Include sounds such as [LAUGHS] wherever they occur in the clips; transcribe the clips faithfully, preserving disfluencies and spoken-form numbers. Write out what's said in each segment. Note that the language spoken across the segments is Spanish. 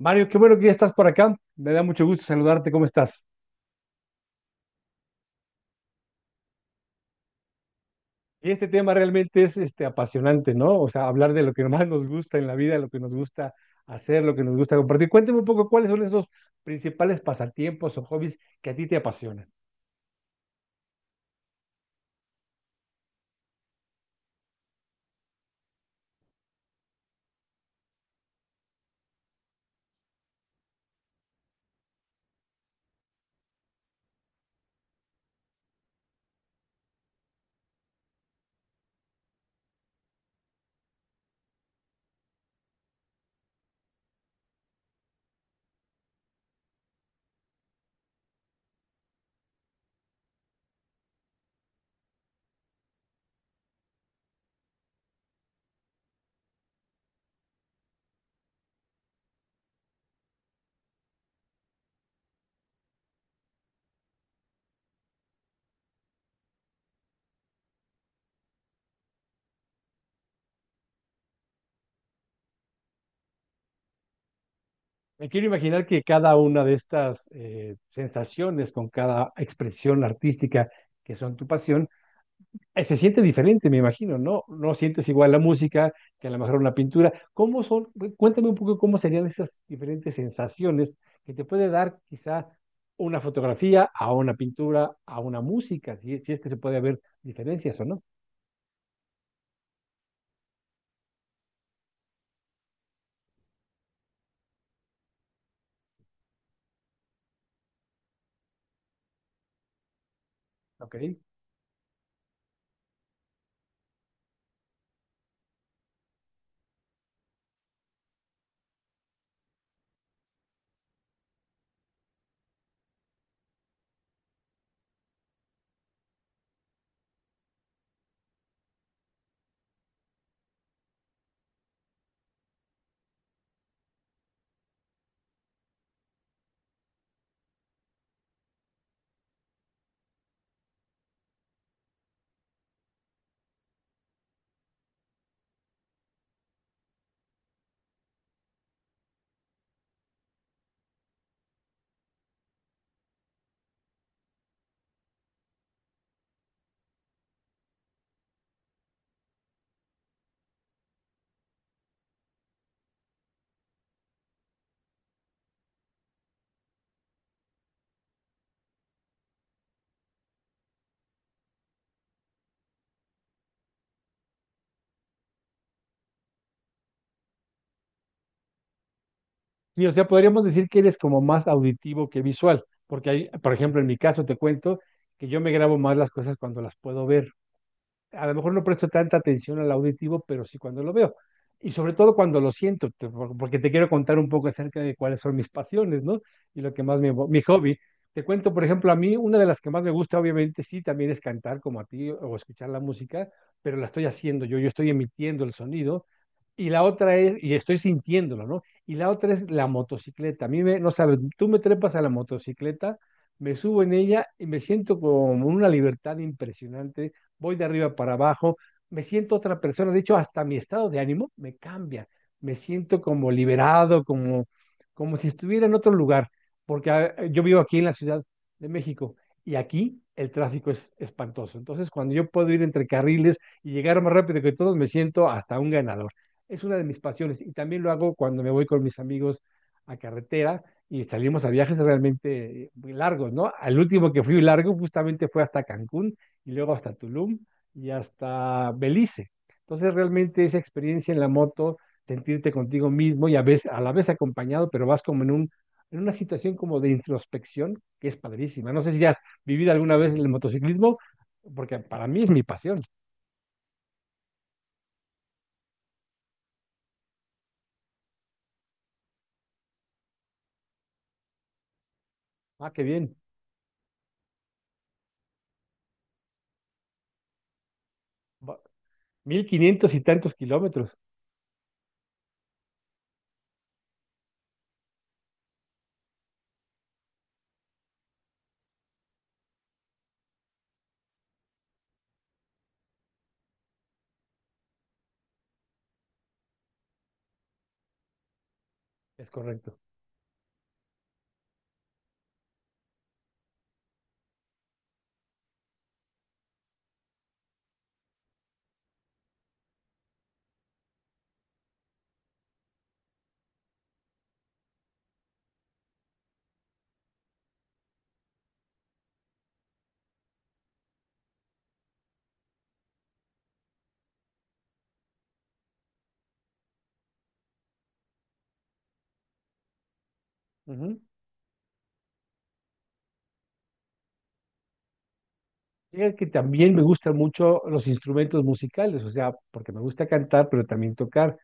Mario, qué bueno que ya estás por acá. Me da mucho gusto saludarte. ¿Cómo estás? Y este tema realmente es este, apasionante, ¿no? O sea, hablar de lo que más nos gusta en la vida, lo que nos gusta hacer, lo que nos gusta compartir. Cuéntame un poco cuáles son esos principales pasatiempos o hobbies que a ti te apasionan. Me quiero imaginar que cada una de estas eh, sensaciones, con cada expresión artística que son tu pasión, eh, se siente diferente, me imagino, ¿no? No sientes igual la música que a lo mejor una pintura. ¿Cómo son? Cu- Cuéntame un poco cómo serían esas diferentes sensaciones que te puede dar quizá una fotografía a una pintura, a una música, si, si es que se puede haber diferencias o no, ¿ok? Sí, o sea, podríamos decir que eres como más auditivo que visual, porque hay, por ejemplo, en mi caso te cuento que yo me grabo más las cosas cuando las puedo ver. A lo mejor no presto tanta atención al auditivo, pero sí cuando lo veo. Y sobre todo cuando lo siento, te- por- porque te quiero contar un poco acerca de cuáles son mis pasiones, ¿no? Y lo que más me, mi hobby. Te cuento, por ejemplo, a mí una de las que más me gusta, obviamente, sí, también es cantar como a ti o escuchar la música, pero la estoy haciendo yo, yo estoy emitiendo el sonido. Y la otra es, y estoy sintiéndolo, ¿no? Y la otra es la motocicleta. A mí me, no sabes, tú me trepas a la motocicleta, me subo en ella y me siento con una libertad impresionante, voy de arriba para abajo, me siento otra persona, de hecho hasta mi estado de ánimo me cambia, me siento como liberado, como, como si estuviera en otro lugar, porque ah, eh, yo vivo aquí en la Ciudad de México y aquí el tráfico es espantoso. Entonces, cuando yo puedo ir entre carriles y llegar más rápido que todos, me siento hasta un ganador. Es una de mis pasiones y también lo hago cuando me voy con mis amigos a carretera y salimos a viajes realmente eh, muy largos, ¿no? Al último que fui largo justamente fue hasta Cancún y luego hasta Tulum y hasta Belice. Entonces, realmente esa experiencia en la moto, sentirte contigo mismo y a veces, a la vez acompañado, pero vas como en un, en una situación como de introspección que es padrísima. No sé si has vivido alguna vez el motociclismo, porque para mí es mi pasión. Ah, qué bien. Va- Mil quinientos y tantos kilómetros, es correcto. Ujú. Fíjate que también me gustan mucho los instrumentos musicales, o sea, porque me gusta cantar, pero también tocar.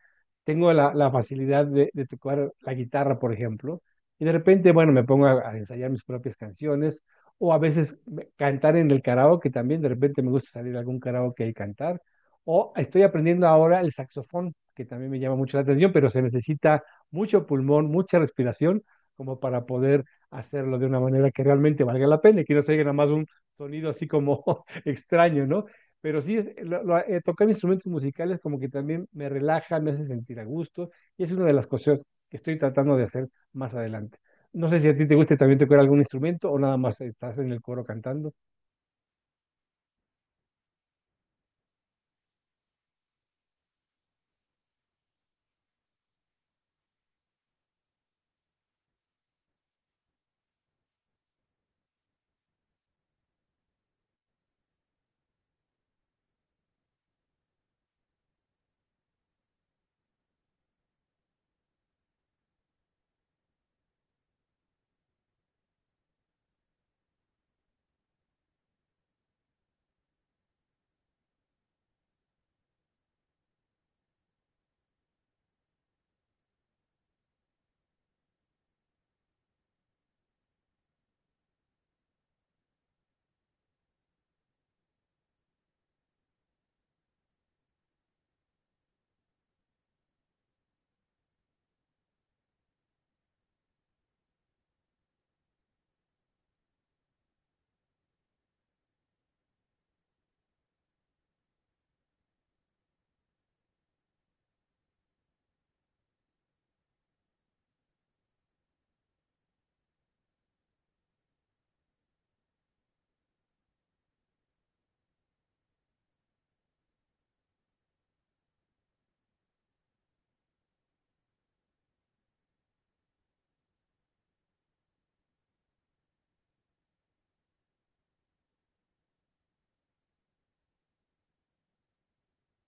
Tengo la, la facilidad de, de tocar la guitarra, por ejemplo, y de repente, bueno, me pongo a, a ensayar mis propias canciones, o a veces me- cantar en el karaoke también, de repente me gusta salir a algún karaoke y cantar, o estoy aprendiendo ahora el saxofón, que también me llama mucho la atención, pero se necesita mucho pulmón, mucha respiración, como para poder hacerlo de una manera que realmente valga la pena y que no se oiga nada más sonido así como [LAUGHS] extraño, ¿no? Pero sí, es- lo- lo- eh, tocar instrumentos musicales como que también me relaja, me hace sentir a gusto y es una de las cosas que estoy tratando de hacer más adelante. No sé si a ti te guste, también tocar algún instrumento o nada más estás en el coro cantando.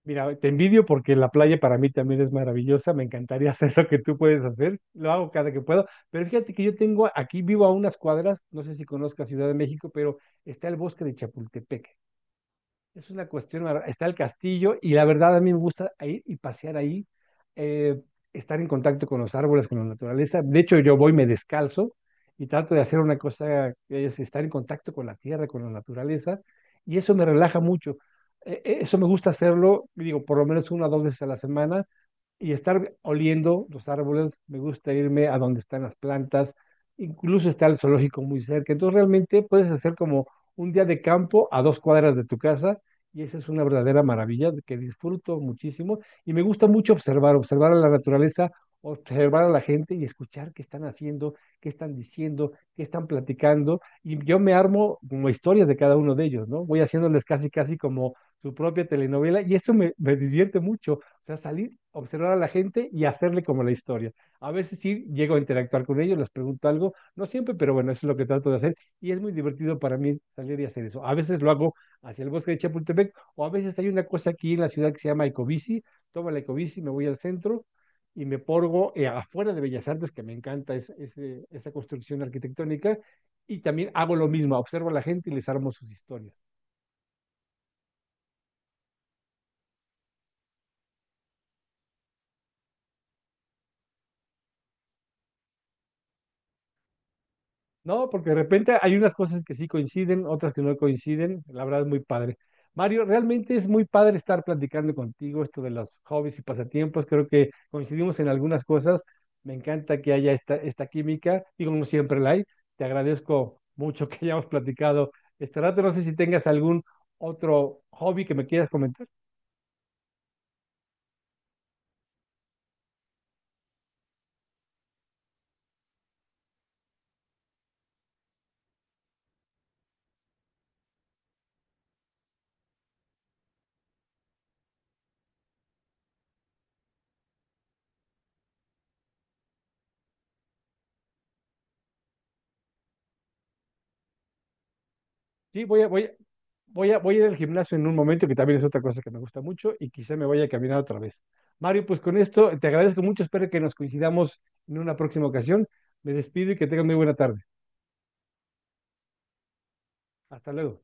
Mira, te envidio porque la playa para mí también es maravillosa, me encantaría [LAUGHS] hacer lo que tú puedes hacer, lo hago cada que puedo, pero fíjate que yo tengo aquí, vivo a unas cuadras, no sé si conozcas Ciudad de México, pero está el bosque de Chapultepec. Es una cuestión, mar- está el castillo y la verdad a mí me gusta ir y pasear ahí, eh, estar en contacto con los árboles, con la naturaleza. De hecho, yo voy, me descalzo y trato de hacer una cosa que es estar en contacto con la tierra, con la naturaleza y eso me relaja mucho. Eh, eh, eso me gusta hacerlo, digo, por lo menos una o dos veces a la semana y estar oliendo los árboles. Me gusta irme a donde están las plantas, incluso está el zoológico muy cerca. Entonces realmente puedes hacer como un día de campo a dos cuadras de tu casa y esa es una verdadera maravilla que disfruto muchísimo y me gusta mucho observar, observar a la naturaleza, observar a la gente y escuchar qué están haciendo, qué están diciendo, qué están platicando. Y yo me armo como historias de cada uno de ellos, ¿no? Voy haciéndoles casi, casi como su propia telenovela y eso me, me divierte mucho. O sea, salir, observar a la gente y hacerle como la historia. A veces sí llego a interactuar con ellos, les pregunto algo, no siempre, pero bueno, eso es lo que trato de hacer y es muy divertido para mí salir y hacer eso. A veces lo hago hacia el bosque de Chapultepec, o a veces hay una cosa aquí en la ciudad que se llama Ecobici, tomo la Ecobici, me voy al centro y me porgo eh, afuera de Bellas Artes, que me encanta es- ese- esa construcción arquitectónica, y también hago lo mismo, observo a la gente y les armo sus historias. No, porque de repente hay unas cosas que sí coinciden, otras que no coinciden. La verdad es muy padre. Mario, realmente es muy padre estar platicando contigo esto de los hobbies y pasatiempos. Creo que coincidimos en algunas cosas. Me encanta que haya esta, esta química y como siempre la hay. Te agradezco mucho [LAUGHS] que hayamos platicado este rato. No sé si tengas algún otro hobby que me quieras comentar. Sí, voy a, voy, voy a, voy a ir al gimnasio en un momento, que también es otra cosa que me gusta mucho, y quizá me vaya a caminar otra vez. Mario, pues con esto te agradezco mucho, espero que nos coincidamos en una próxima ocasión. Me despido y que tengan muy buena tarde. Hasta luego.